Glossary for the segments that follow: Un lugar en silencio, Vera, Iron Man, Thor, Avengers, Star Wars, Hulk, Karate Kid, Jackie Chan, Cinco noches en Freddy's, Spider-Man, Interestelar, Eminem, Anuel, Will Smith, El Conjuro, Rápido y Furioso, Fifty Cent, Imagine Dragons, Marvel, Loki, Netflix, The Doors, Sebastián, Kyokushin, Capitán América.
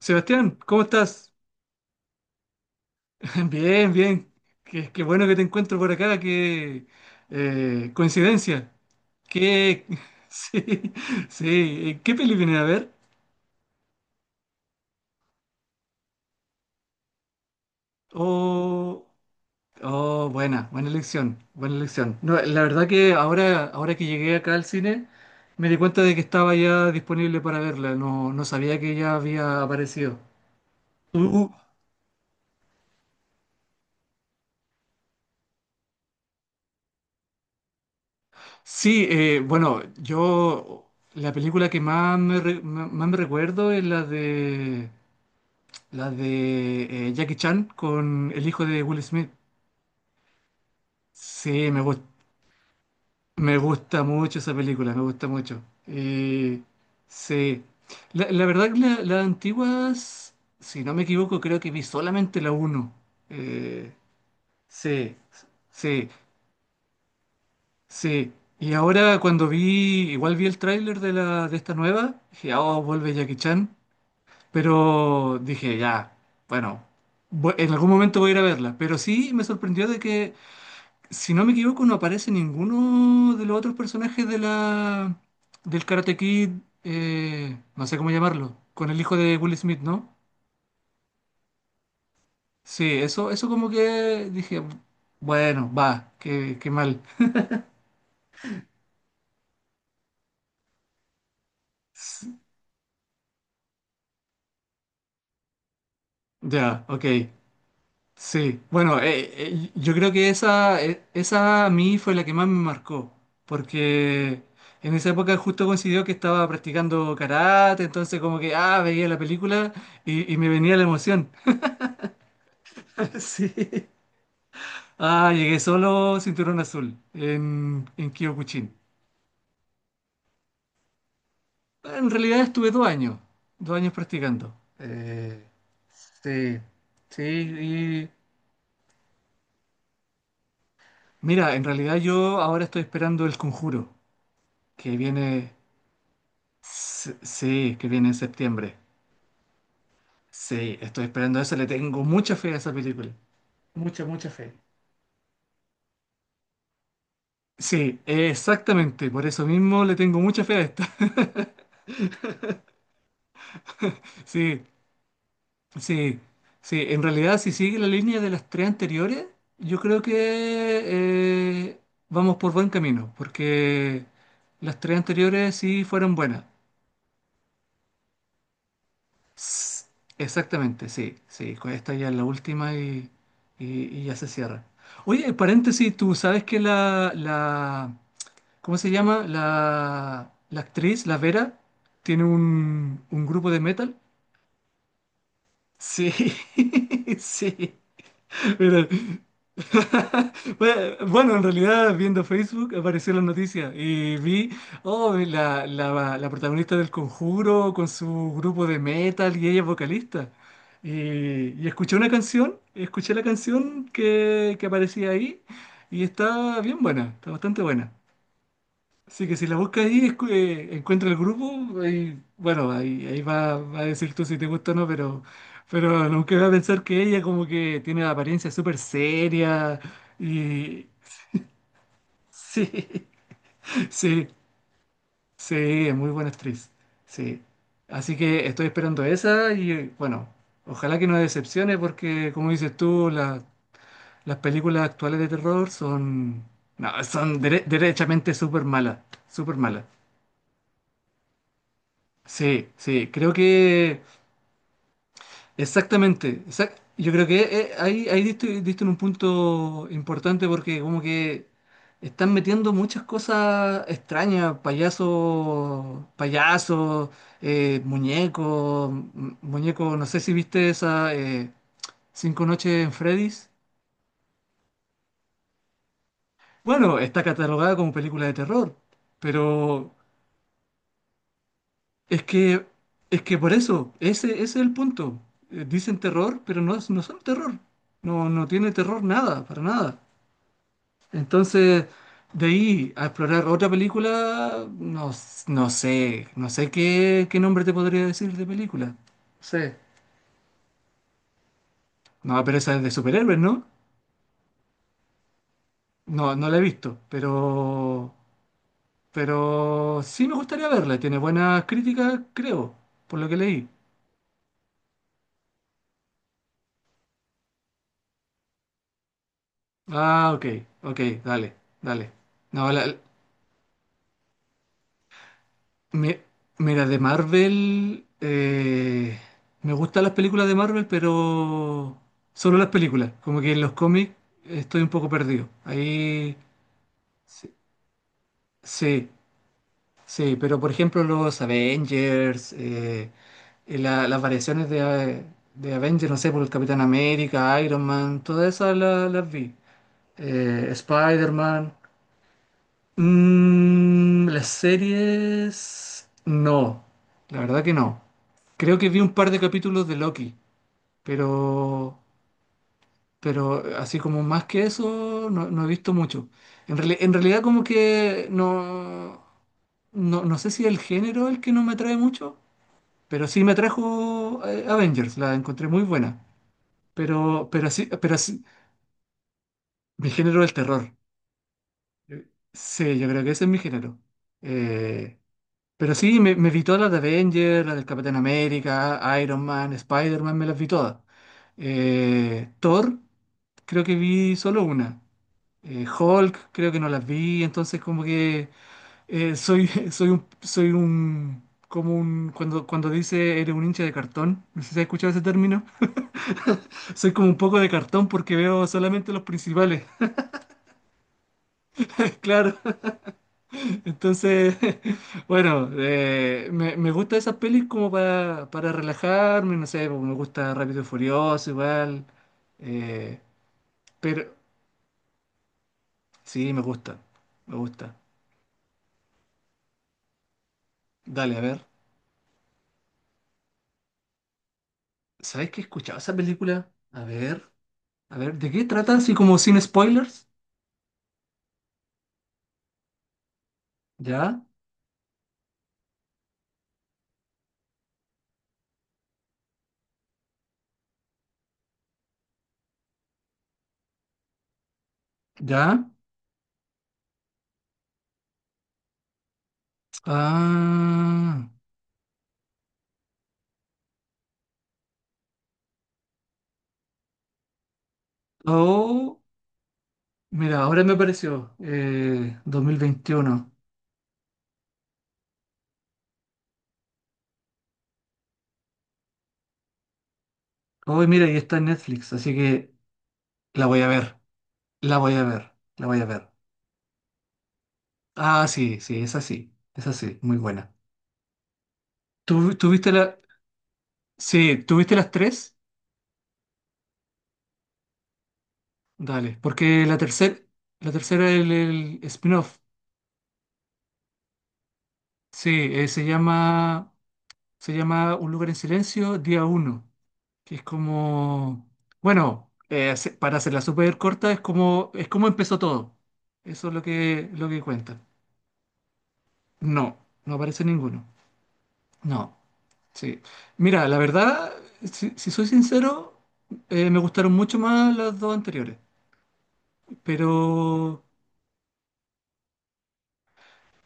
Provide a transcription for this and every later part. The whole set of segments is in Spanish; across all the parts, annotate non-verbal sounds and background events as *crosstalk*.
Sebastián, ¿cómo estás? *laughs* Bien, bien. Qué bueno que te encuentro por acá. Qué Coincidencia. Qué, *laughs* sí, sí. ¿Qué peli viene a ver? Oh, oh, buena elección, buena elección. No, la verdad que ahora que llegué acá al cine, me di cuenta de que estaba ya disponible para verla. No, no sabía que ya había aparecido. ¿Tú? Sí, bueno, yo la película que más más me recuerdo es la de Jackie Chan con el hijo de Will Smith. Sí, me gusta mucho esa película, me gusta mucho. Sí, la, la verdad que las antiguas, si no me equivoco, creo que vi solamente la 1. Sí, sí. Sí, y ahora cuando vi, igual vi el tráiler de la de esta nueva, dije, oh, vuelve Jackie Chan, pero dije, ya, bueno, en algún momento voy a ir a verla, pero sí me sorprendió de que, si no me equivoco, no aparece ninguno de los otros personajes de la del Karate Kid, no sé cómo llamarlo, con el hijo de Will Smith, ¿no? Sí, eso como que dije, bueno, va, qué, qué mal. S- Ya, ok. Sí, bueno, yo creo que esa, esa a mí fue la que más me marcó, porque en esa época justo coincidió que estaba practicando karate, entonces como que, ah, veía la película y me venía la emoción. *laughs* Sí. Ah, llegué solo cinturón azul en Kyokushin. En realidad estuve 2 años, 2 años practicando. Eh, sí, sí, y mira, en realidad yo ahora estoy esperando el conjuro, que viene... Sí, sí, que viene en septiembre. Sí, estoy esperando eso. Le tengo mucha fe a esa película. Mucha, mucha fe. Sí, exactamente. Por eso mismo le tengo mucha fe a esta. *laughs* Sí, sí, sí. En realidad, si sigue la línea de las tres anteriores, yo creo que eh, vamos por buen camino, porque las tres anteriores sí fueron buenas. S- Exactamente, sí, sí. Con esta ya es la última y ya se cierra. Oye, paréntesis, ¿tú sabes que ¿cómo se llama? La actriz, la Vera, tiene un grupo de metal. Sí, *laughs* sí. Mira, *laughs* bueno, en realidad viendo Facebook apareció la noticia y vi, oh, la protagonista del Conjuro con su grupo de metal y ella es vocalista. Y, y escuché una canción, escuché la canción que aparecía ahí y está bien buena, está bastante buena. Así que si la buscas ahí, encuentra el grupo, ahí, bueno, ahí, ahí va, va a decir tú si te gusta o no, pero nunca va a pensar que ella como que tiene la apariencia súper seria y... Sí, *laughs* sí, sí, es muy buena actriz, sí. Así que estoy esperando esa y bueno, ojalá que no decepcione porque como dices tú, las películas actuales de terror son, no, son derechamente súper malas, súper malas. Sí, sí, creo que exactamente. Yo creo que ahí, ahí diste, diste en un punto importante porque como que están metiendo muchas cosas extrañas, payasos, payasos, muñecos, muñecos, no sé si viste esa Cinco noches en Freddy's. Bueno, está catalogada como película de terror, pero Es que, es que por eso, ese es el punto. Dicen terror, pero no, no son terror. No, no tiene terror nada, para nada. Entonces, de ahí a explorar otra película, no, no sé, no sé qué, qué nombre te podría decir de película. Sí. No, pero esa es de superhéroes, ¿no? No, no la he visto, pero sí me gustaría verla. Tiene buenas críticas, creo, por lo que leí. Ah, ok, ok, dale, dale. No, Mi- mira, de Marvel, me gustan las películas de Marvel, pero solo las películas. Como que en los cómics estoy un poco perdido. Ahí sí, sí, sí, pero por ejemplo los Avengers, y las variaciones de Avengers, no sé, por el Capitán América, Iron Man, todas esas las vi. Spider-Man. Mm, las series... No, la verdad que no. Creo que vi un par de capítulos de Loki, pero, pero así como más que eso, no, no he visto mucho. En realidad como que no, no, no sé si el género es el que no me atrae mucho, pero sí me atrajo Avengers, la encontré muy buena. Pero sí, mi género es el terror. Eh, Sí, yo creo que ese es mi género. Eh, Pero sí, me vi todas las de Avengers, las del Capitán América, Iron Man, Spider-Man, me las vi todas. Thor, creo que vi solo una. Hulk, creo que no las vi, entonces como que soy, *laughs* soy un, como un, cuando, cuando dice eres un hincha de cartón, no sé si has escuchado ese término, soy como un poco de cartón porque veo solamente los principales, *laughs* claro. Entonces, *laughs* bueno, me gusta esas pelis como para relajarme, no sé, pues, me gusta Rápido y Furioso igual, eh, pero sí, me gusta, me gusta. Dale, a ver, ¿sabes qué he escuchado esa película? A ver, ¿de qué trata? Así como sin spoilers, ¿ya? ¿Ya? Ah, oh, mira, ahora me apareció, 2021. Hoy, mira, y está en Netflix, así que la voy a ver. La voy a ver, la voy a ver. Ah, sí, sí, es así, muy buena. ¿Tú, tú viste la... Sí, ¿tú viste las tres? Dale, porque la tercera el spin-off. Sí, se llama Un lugar en silencio, día 1, que es como, bueno, para hacerla súper corta, es como empezó todo. Eso es lo que cuenta. No, no aparece ninguno. No. Sí. Mira, la verdad, si, si soy sincero, me gustaron mucho más las dos anteriores. Pero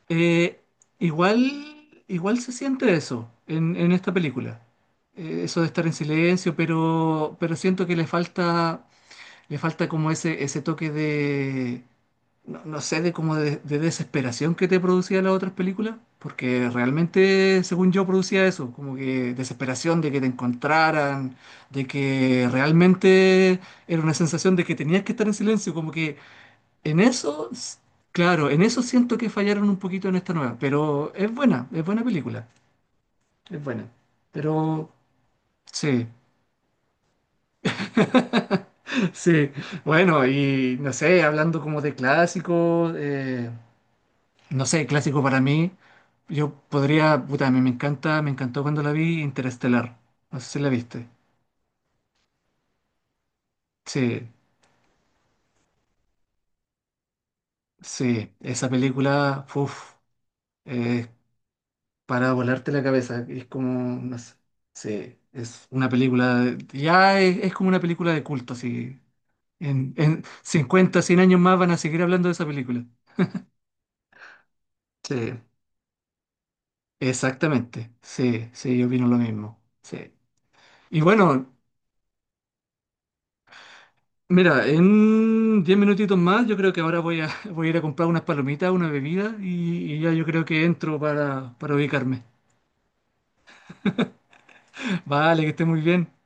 eh, igual, igual se siente eso en esta película. Eso de estar en silencio, pero siento que le falta como ese toque de, no, no sé de cómo de desesperación que te producía las otras películas, porque realmente, según yo, producía eso, como que desesperación de que te encontraran, de que realmente era una sensación de que tenías que estar en silencio, como que en eso, claro, en eso siento que fallaron un poquito en esta nueva, pero es buena película, es buena, pero sí, *laughs* sí, bueno, y no sé, hablando como de clásicos, no sé, clásico para mí. Yo podría, puta, a mí me encanta, me encantó cuando la vi Interestelar. No sé si la viste. Sí, sí, esa película, uff, es para volarte la cabeza. Es como, no sé, sí, es una película, ya es como una película de culto, así. En 50, 100 años más van a seguir hablando de esa película. Sí, exactamente. Sí, sí, yo opino lo mismo. Sí. Y bueno. Mira, en 10 minutitos más yo creo que ahora voy a, *laughs* voy a ir a comprar unas palomitas, una bebida y ya yo creo que entro para ubicarme. Vale, que esté muy bien.